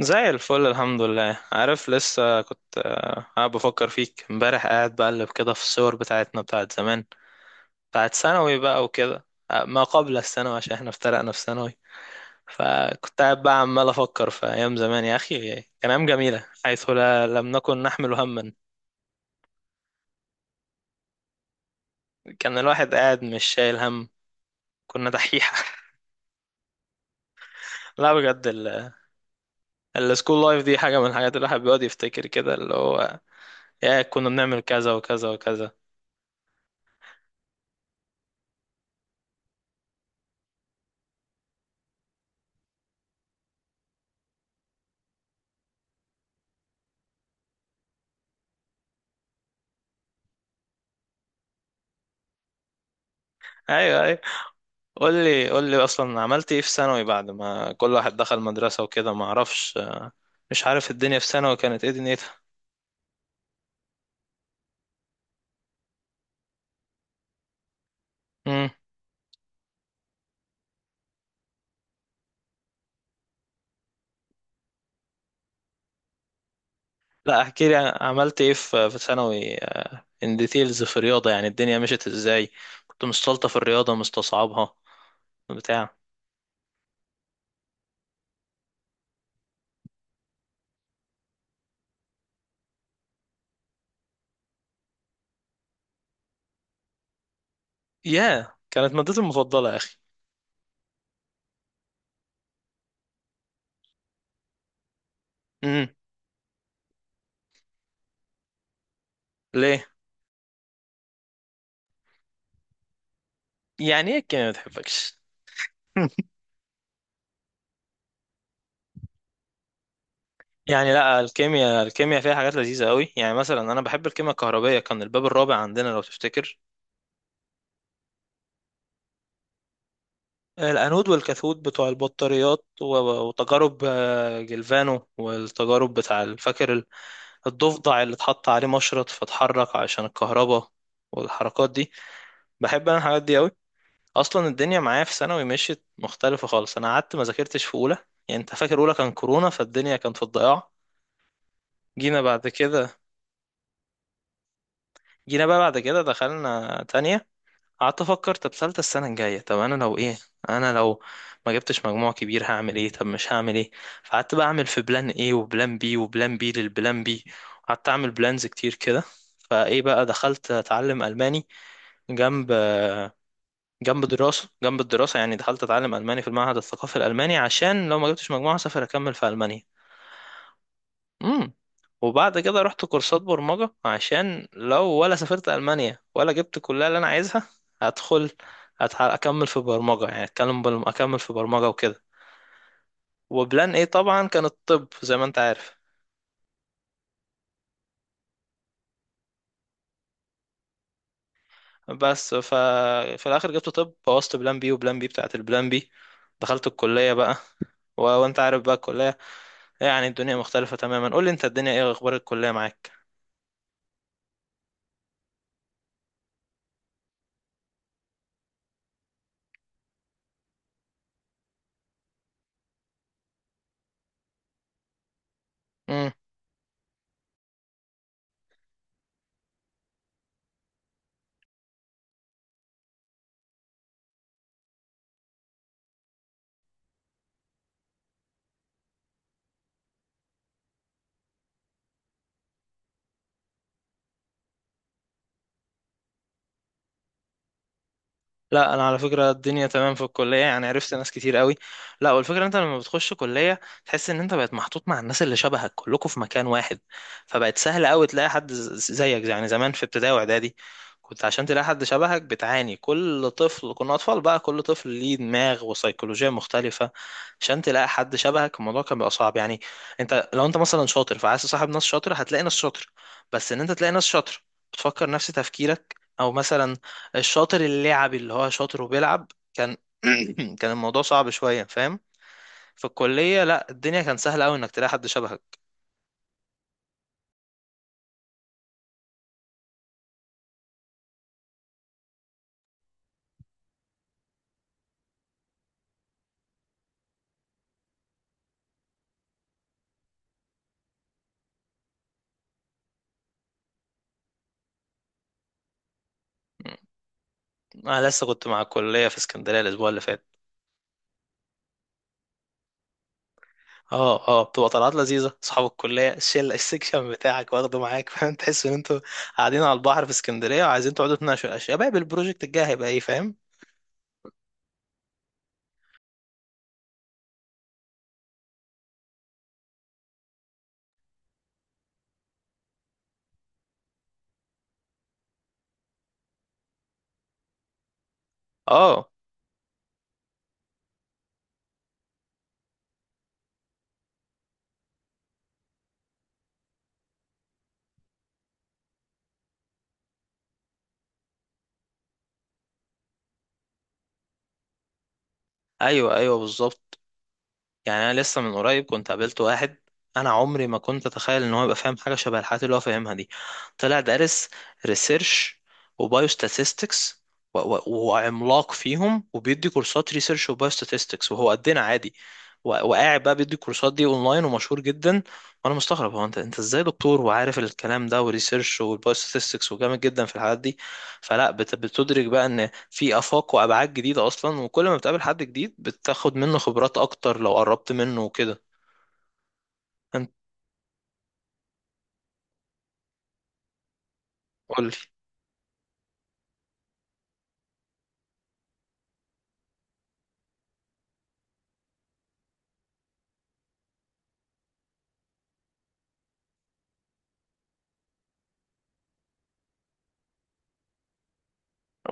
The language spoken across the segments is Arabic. زي الفل، الحمد لله. عارف، لسه كنت قاعد بفكر فيك امبارح، قاعد بقلب كده في الصور بتاعتنا بتاعت زمان، بتاعت ثانوي بقى وكده. ما قبل الثانوي عشان احنا افترقنا في ثانوي. فكنت قاعد بقى عمال افكر في ايام زمان يا اخي، كان ايام جميله حيث لا لم نكن نحمل هما. كان الواحد قاعد مش شايل هم، كنا دحيحه. لا بجد السكول لايف دي حاجه من الحاجات اللي الواحد بيقعد يفتكر كده، اللي هو يا كنا بنعمل كذا وكذا وكذا. ايوه أيوه. قول لي اصلا عملت ايه في ثانوي بعد ما كل واحد دخل مدرسة وكده؟ ما اعرفش، مش عارف الدنيا في ثانوي كانت ايه دنيتها. امم. لا احكي لي عملت ايه في ثانوي، ان ديتيلز في الرياضة. يعني الدنيا مشيت ازاي؟ كنت مستلطة في الرياضة مستصعبها بتاع. ياه كانت مادتي المفضلة يا اخي. امم. ليه؟ يعني ايه الكيمياء ما بتحبكش؟ يعني لا، الكيمياء فيها حاجات لذيذة قوي. يعني مثلا انا بحب الكيمياء الكهربائية، كان الباب الرابع عندنا لو تفتكر. الأنود والكاثود بتوع البطاريات، وتجارب، جلفانو، والتجارب بتاع فاكر الضفدع اللي اتحط عليه مشرط فاتحرك عشان الكهرباء والحركات دي. بحب انا الحاجات دي قوي. اصلا الدنيا معايا في ثانوي مشيت مختلفة خالص. انا قعدت ما ذاكرتش في اولى، يعني انت فاكر اولى كان كورونا، فالدنيا كانت في الضياع. جينا بعد كده جينا بقى بعد كده دخلنا تانية. قعدت افكر طب ثالثه السنه الجايه، طب انا لو ما جبتش مجموع كبير هعمل ايه؟ طب مش هعمل ايه؟ فقعدت بقى اعمل في بلان ايه، وبلان بي، وبلان بي للبلان بي. قعدت اعمل بلانز كتير كده. فايه بقى، دخلت اتعلم الماني جنب جنب الدراسه. يعني دخلت اتعلم الماني في المعهد الثقافي الالماني عشان لو ما جبتش مجموعه اسافر اكمل في المانيا. امم. وبعد كده رحت كورسات برمجة، عشان لو ولا سافرت ألمانيا ولا جبت الكلية اللي أنا عايزها هدخل أكمل في برمجة. يعني أكمل في برمجة وكده. وبلان إيه طبعا كان الطب زي ما أنت عارف. بس ف... في الآخر جبت طب، بوظت بلان بي وبلان بي بتاعت البلان بي. دخلت الكلية بقى، وأنت عارف بقى الكلية. يعني الدنيا مختلفة تماما. قول لي أنت الدنيا إيه؟ أخبار الكلية معاك؟ لا انا على فكره الدنيا تمام في الكليه، يعني عرفت ناس كتير قوي. لا، والفكره إن انت لما بتخش كليه تحس ان انت بقت محطوط مع الناس اللي شبهك كلكم في مكان واحد، فبقت سهل قوي تلاقي حد زيك. يعني زمان في ابتدائي واعدادي كنت عشان تلاقي حد شبهك بتعاني. كل طفل، كنا اطفال بقى، كل طفل ليه دماغ وسيكولوجيه مختلفه، عشان تلاقي حد شبهك الموضوع كان بيبقى صعب يعني. انت لو مثلا شاطر فعايز تصاحب ناس شاطره هتلاقي ناس شاطره. بس ان انت تلاقي ناس شاطره بتفكر نفس تفكيرك، او مثلا الشاطر اللعبي اللي هو شاطر وبيلعب، كان كان الموضوع صعب شوية، فاهم؟ في الكلية لا الدنيا كان سهلة أوي إنك تلاقي حد شبهك. أنا لسه كنت مع الكلية في اسكندرية الأسبوع اللي فات. اه اه، بتبقى طلعات لذيذة، أصحاب الكلية الشلة السكشن بتاعك واخده معاك فاهم، تحس إن أنتوا قاعدين على البحر في اسكندرية وعايزين تقعدوا تناقشوا يا شباب البروجكت الجاي هيبقى إيه، فاهم؟ اه أيوه أيوه بالظبط. يعني انا لسه من قريب كنت قابلت واحد، انا عمري ما كنت اتخيل ان هو يبقى فاهم حاجه شبه الحاجات اللي هو فاهمها دي. طلع دارس ريسيرش وبايوستاتستكس وعملاق فيهم، وبيدي كورسات ريسيرش وبايوستاتستكس وهو قدنا عادي. وقاعد بقى بيدي الكورسات دي اونلاين ومشهور جدا. وانا مستغرب، هو انت ازاي دكتور وعارف الكلام ده، وريسيرش والبايوستاتستكس وجامد جدا في الحاجات دي. فلا بتدرك بقى ان في آفاق وأبعاد جديدة أصلا، وكل ما بتقابل حد جديد بتاخد منه خبرات أكتر لو قربت منه وكده. أنت قولي.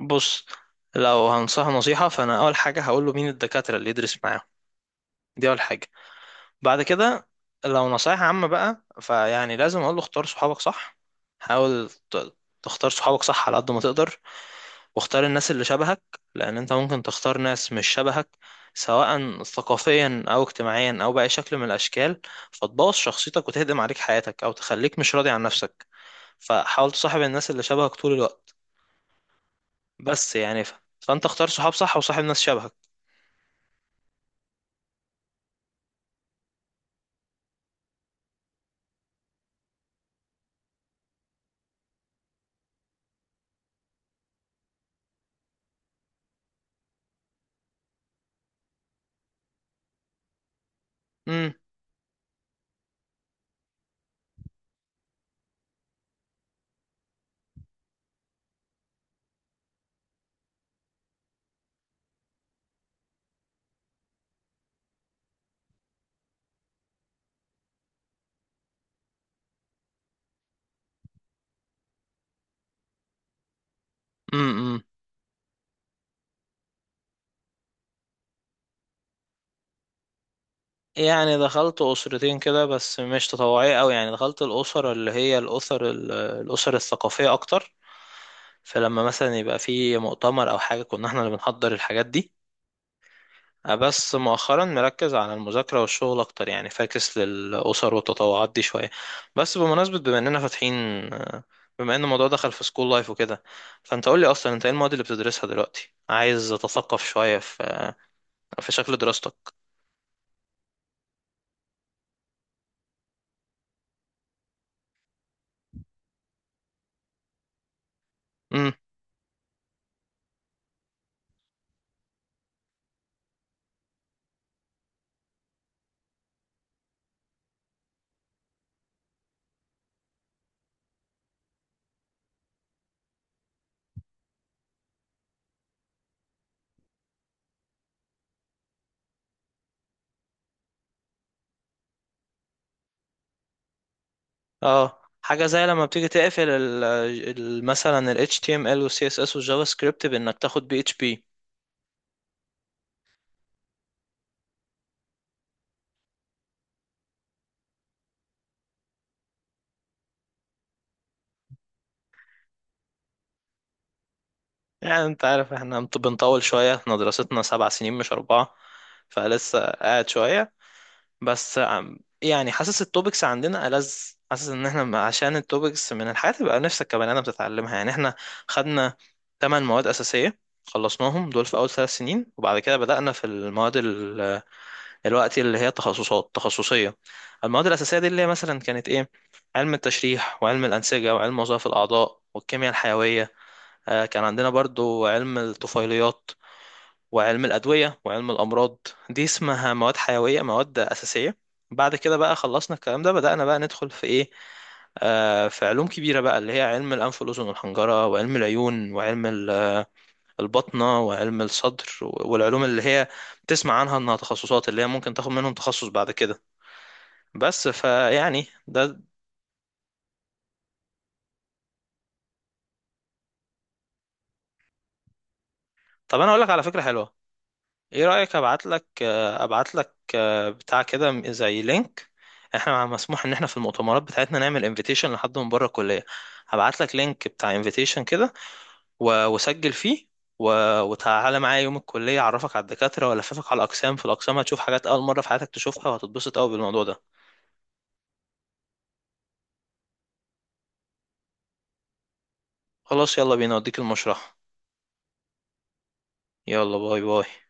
بص، لو هنصح نصيحة فأنا أول حاجة هقوله مين الدكاترة اللي يدرس معاهم، دي أول حاجة. بعد كده، لو نصايح عامة بقى، فيعني لازم أقوله اختار صحابك صح. حاول ت- تختار صحابك صح على قد ما تقدر، واختار الناس اللي شبهك. لأن أنت ممكن تختار ناس مش شبهك، سواء ثقافيا أو اجتماعيا أو بأي شكل من الأشكال، فتبوظ شخصيتك وتهدم عليك حياتك، أو تخليك مش راضي عن نفسك. فحاول تصاحب الناس اللي شبهك طول الوقت. بس يعني ف... فأنت اختار صحاب صح وصاحب ناس شبهك. امم. امم. يعني دخلت أسرتين كده، بس مش تطوعية أوي. يعني دخلت الأسر اللي هي الأسر الثقافية أكتر، فلما مثلا يبقى في مؤتمر أو حاجة كنا احنا اللي بنحضر الحاجات دي. بس مؤخرا مركز على المذاكرة والشغل أكتر يعني، فاكس للأسر والتطوعات دي شوية. بس بمناسبة، بما إننا فاتحين، أه، بما إن الموضوع دخل في سكول لايف وكده، فأنت قولي أصلا أنت إيه المواد اللي بتدرسها دلوقتي؟ عايز أتثقف شوية في في شكل دراستك. امم. اه حاجة زي لما بتيجي تقفل مثلا ال HTML وال CSS والجافا سكريبت بإنك تاخد PHP. يعني أنت عارف إحنا بنطول شوية، إحنا دراستنا 7 سنين مش 4. فلسه قاعد شوية. يعني حاسس التوبكس عندنا ألذ. حاسس ان احنا عشان التوبكس من الحاجات اللي بقى نفسك كبني ادم تتعلمها. يعني احنا خدنا 8 مواد اساسيه، خلصناهم دول في اول 3 سنين. وبعد كده بدأنا في المواد الوقت اللي هي تخصصات تخصصيه. المواد الاساسيه دي اللي هي مثلا كانت ايه؟ علم التشريح وعلم الانسجه وعلم وظائف الاعضاء والكيمياء الحيويه. كان عندنا برضو علم الطفيليات وعلم الأدوية وعلم الأمراض. دي اسمها مواد حيوية، مواد أساسية. بعد كده بقى خلصنا الكلام ده بدأنا بقى ندخل في إيه؟ آه في علوم كبيرة بقى، اللي هي علم الأنف والأذن والحنجرة وعلم العيون وعلم البطنة وعلم الصدر، والعلوم اللي هي بتسمع عنها إنها تخصصات اللي هي ممكن تاخد منهم تخصص بعد كده. بس فيعني ده. طب أنا أقول لك على فكرة حلوة. ايه رأيك ابعت لك؟ ابعت لك بتاع كده زي لينك، احنا مسموح ان احنا في المؤتمرات بتاعتنا نعمل انفيتيشن لحد من بره الكلية. هبعت لك لينك بتاع انفيتيشن كده، وسجل فيه، وتعالى معايا يوم الكلية اعرفك على الدكاترة والففك على الاقسام، في الاقسام هتشوف حاجات اول مرة في حياتك تشوفها وهتتبسط قوي بالموضوع ده. خلاص، يلا بينا اوديك المشرحة. يلا، باي باي.